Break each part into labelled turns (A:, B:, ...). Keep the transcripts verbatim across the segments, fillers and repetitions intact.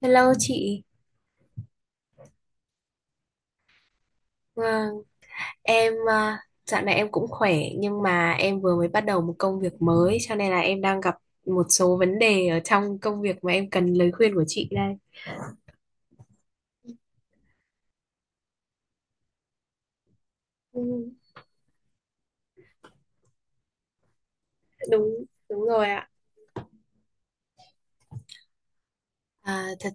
A: Hello chị. Vâng, em à, dạo này em cũng khỏe, nhưng mà em vừa mới bắt đầu một công việc mới cho nên là em đang gặp một số vấn đề ở trong công việc mà em cần lời khuyên của chị đây. Ừ, đúng đúng rồi ạ. À, thật,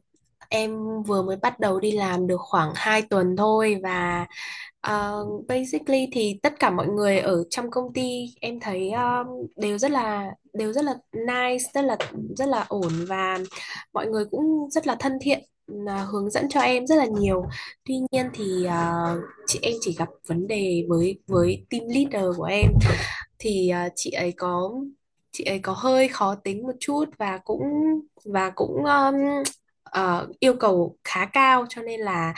A: em vừa mới bắt đầu đi làm được khoảng hai tuần thôi. Và Ờ, basically thì tất cả mọi người ở trong công ty em thấy um, đều rất là đều rất là nice, rất là rất là ổn, và mọi người cũng rất là thân thiện, là hướng dẫn cho em rất là nhiều. Tuy nhiên thì ờ, chị em chỉ gặp vấn đề với với team leader của em, thì ờ, chị ấy có chị ấy có hơi khó tính một chút, và cũng và cũng um, ờ, yêu cầu khá cao, cho nên là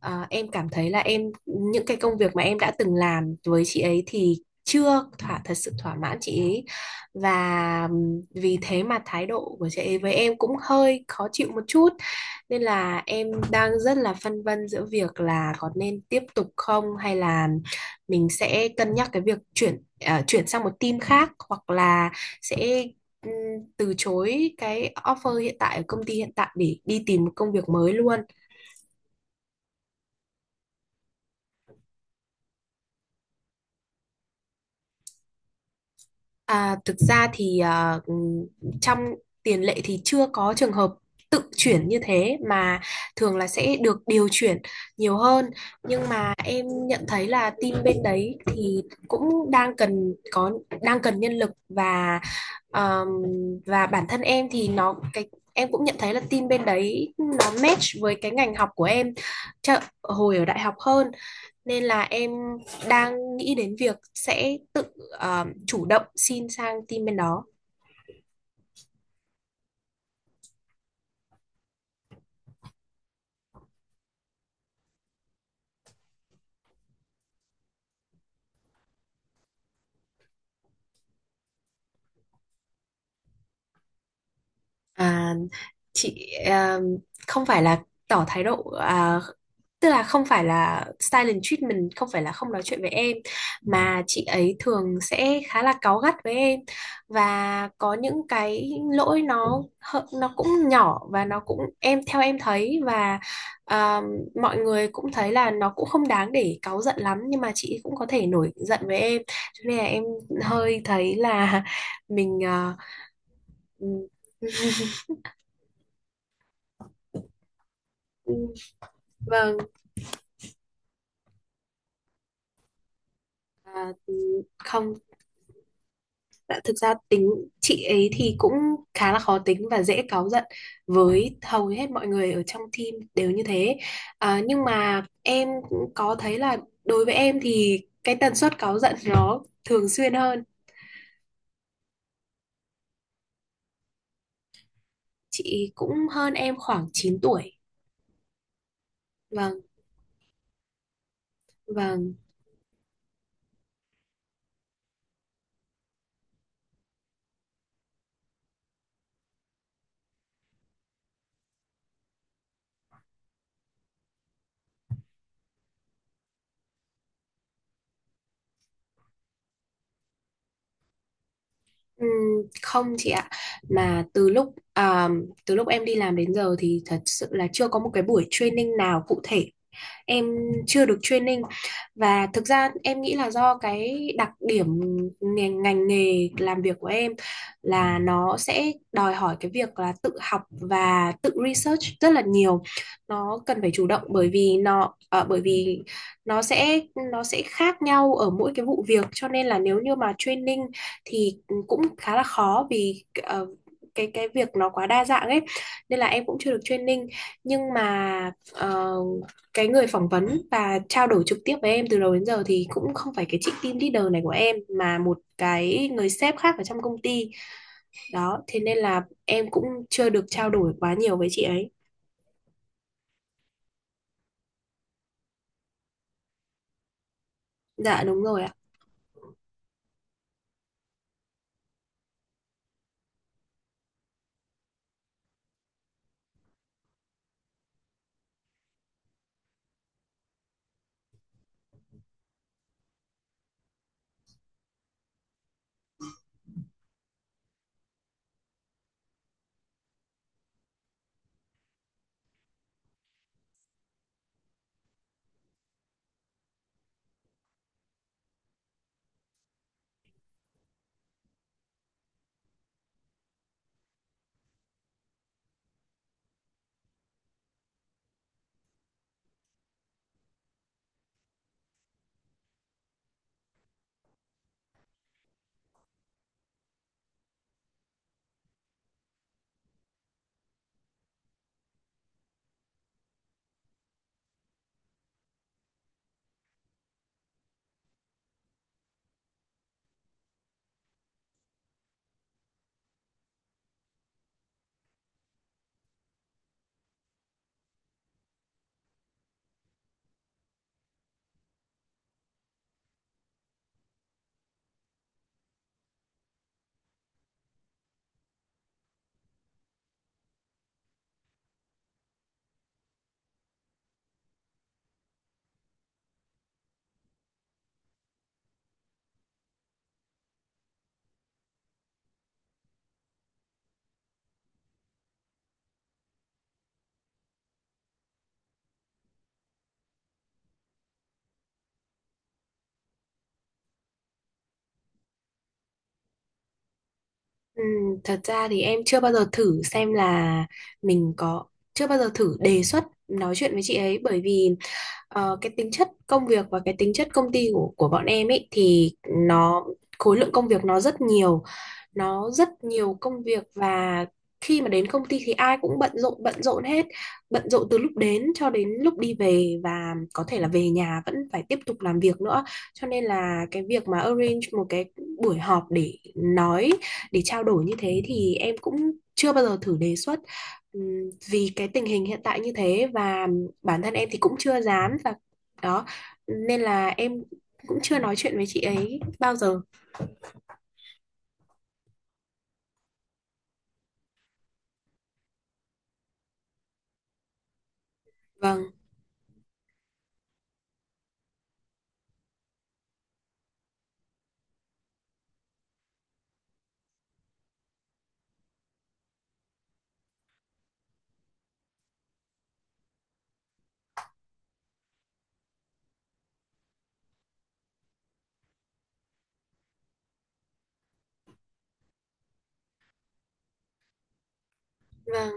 A: à, em cảm thấy là em những cái công việc mà em đã từng làm với chị ấy thì chưa thỏa thật sự thỏa mãn chị ấy, và vì thế mà thái độ của chị ấy với em cũng hơi khó chịu một chút, nên là em đang rất là phân vân giữa việc là có nên tiếp tục không, hay là mình sẽ cân nhắc cái việc chuyển à, chuyển sang một team khác, hoặc là sẽ ừm, từ chối cái offer hiện tại ở công ty hiện tại để đi tìm một công việc mới luôn. À, thực ra thì à, trong tiền lệ thì chưa có trường hợp tự chuyển như thế, mà thường là sẽ được điều chuyển nhiều hơn. Nhưng mà em nhận thấy là team bên đấy thì cũng đang cần có đang cần nhân lực, và ờm, và bản thân em thì nó cái em cũng nhận thấy là team bên đấy nó match với cái ngành học của em chợ, hồi ở đại học hơn, nên là em đang nghĩ đến việc sẽ tự ờ, chủ động xin sang team bên đó. À, chị à, không phải là tỏ thái độ, à, tức là không phải là silent treatment, không phải là không nói chuyện với em, mà chị ấy thường sẽ khá là cáu gắt với em, và có những cái lỗi nó hợ- nó cũng nhỏ và nó cũng em theo em thấy, và à, mọi người cũng thấy là nó cũng không đáng để cáu giận lắm, nhưng mà chị cũng có thể nổi giận với em, cho nên là em hơi thấy là mình à, ừ. Vâng. À, ừ, không. Dạ, thực ra tính chị ấy thì cũng khá là khó tính và dễ cáu giận, với hầu hết mọi người ở trong team đều như thế. À, nhưng mà em cũng có thấy là đối với em thì cái tần suất cáu giận nó thường xuyên hơn. Chị cũng hơn em khoảng chín tuổi. Vâng. Vâng. Ừm, không chị ạ, mà từ lúc à, từ lúc em đi làm đến giờ thì thật sự là chưa có một cái buổi training nào cụ thể, em chưa được training. Và thực ra em nghĩ là do cái đặc điểm ngành, ngành nghề làm việc của em là nó sẽ đòi hỏi cái việc là tự học và tự research rất là nhiều, nó cần phải chủ động, bởi vì nó ờ, bởi vì nó sẽ nó sẽ khác nhau ở mỗi cái vụ việc, cho nên là nếu như mà training thì cũng khá là khó, vì ờ, cái cái việc nó quá đa dạng ấy, nên là em cũng chưa được training. Nhưng mà ờ, cái người phỏng vấn và trao đổi trực tiếp với em từ đầu đến giờ thì cũng không phải cái chị team leader này của em, mà một cái người sếp khác ở trong công ty đó, thế nên là em cũng chưa được trao đổi quá nhiều với chị ấy. Dạ đúng rồi ạ. Ừm, thật ra thì em chưa bao giờ thử xem là mình có, chưa bao giờ thử đề xuất nói chuyện với chị ấy, bởi vì ờ, cái tính chất công việc và cái tính chất công ty của của bọn em ấy, thì nó khối lượng công việc nó rất nhiều, nó rất nhiều công việc, và khi mà đến công ty thì ai cũng bận rộn bận rộn hết, bận rộn từ lúc đến cho đến lúc đi về, và có thể là về nhà vẫn phải tiếp tục làm việc nữa, cho nên là cái việc mà arrange một cái buổi họp để nói, để trao đổi như thế, thì em cũng chưa bao giờ thử đề xuất. Ừm, vì cái tình hình hiện tại như thế, và bản thân em thì cũng chưa dám, và đó, nên là em cũng chưa nói chuyện với chị ấy bao giờ. Vâng. Vâng.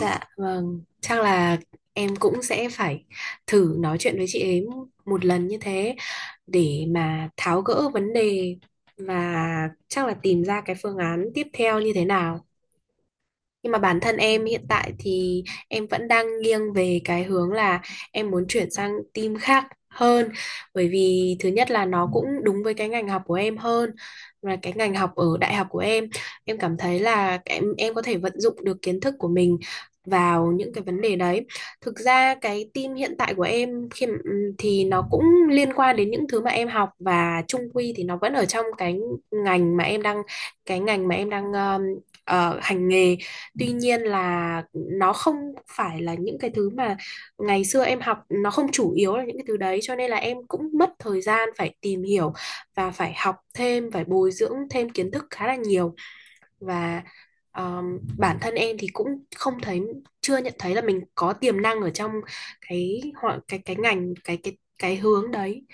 A: Dạ vâng, chắc là em cũng sẽ phải thử nói chuyện với chị ấy một lần như thế, để mà tháo gỡ vấn đề, và chắc là tìm ra cái phương án tiếp theo như thế nào. Nhưng mà bản thân em hiện tại thì em vẫn đang nghiêng về cái hướng là em muốn chuyển sang team khác hơn, bởi vì thứ nhất là nó cũng đúng với cái ngành học của em hơn, và cái ngành học ở đại học của em em cảm thấy là em em có thể vận dụng được kiến thức của mình vào những cái vấn đề đấy. Thực ra cái team hiện tại của em khi mà- ừm, thì nó cũng liên quan đến những thứ mà em học, và chung quy thì nó vẫn ở trong cái ngành mà em đang, cái ngành mà em đang ờm, ờ, hành nghề. Tuy nhiên là nó không phải là những cái thứ mà ngày xưa em học, nó không chủ yếu là những cái thứ đấy, cho nên là em cũng mất thời gian phải tìm hiểu, và phải học thêm, phải bồi dưỡng thêm kiến thức khá là nhiều, và um, bản thân em thì cũng không thấy, chưa nhận thấy là mình có tiềm năng ở trong cái họ cái cái ngành cái cái cái hướng đấy.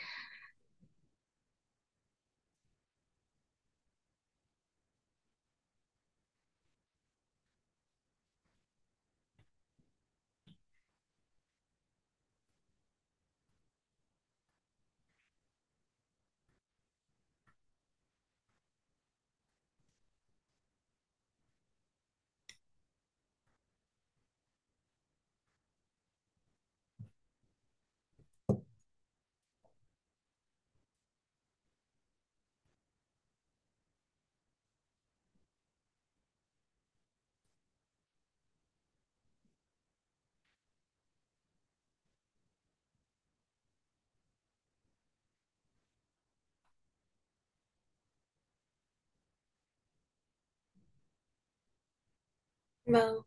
A: Vâng.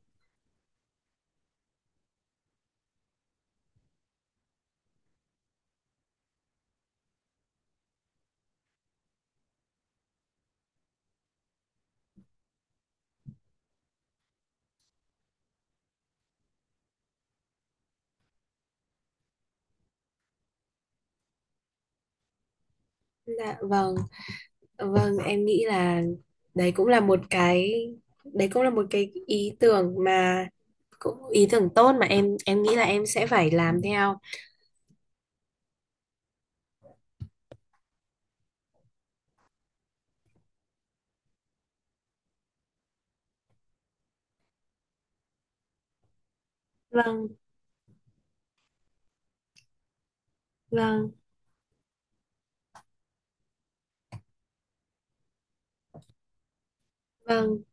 A: Dạ vâng. Vâng, em nghĩ là đấy cũng là một cái, đấy cũng là một cái ý tưởng mà cũng ý tưởng tốt, mà em em nghĩ là em sẽ phải làm theo. Vâng, vâng, vâng.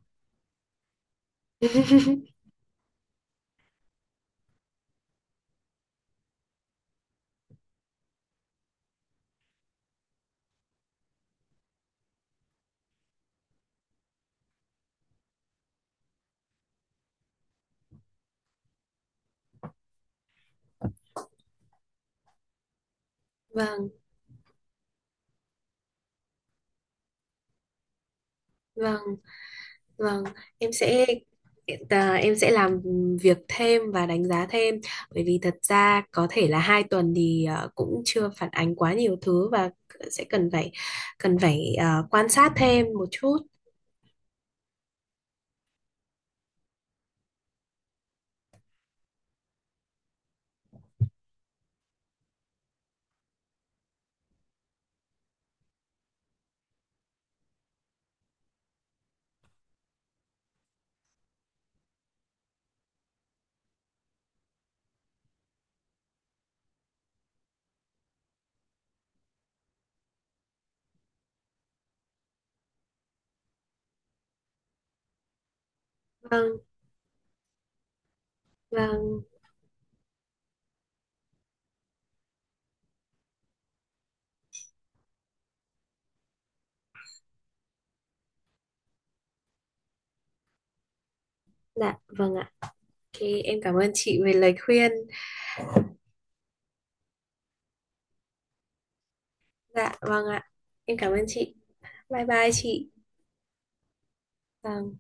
A: Vâng, vâng, vâng. Em sẽ à, em sẽ làm việc thêm và đánh giá thêm, bởi vì thật ra có thể là hai tuần thì à, cũng chưa phản ánh quá nhiều thứ, và sẽ cần phải cần phải à, quan sát thêm một chút. Vâng, vâng, dạ, vâng ạ. Ok, em cảm ơn chị về lời khuyên. Dạ, vâng ạ. Em cảm ơn chị. Bye bye chị. Vâng.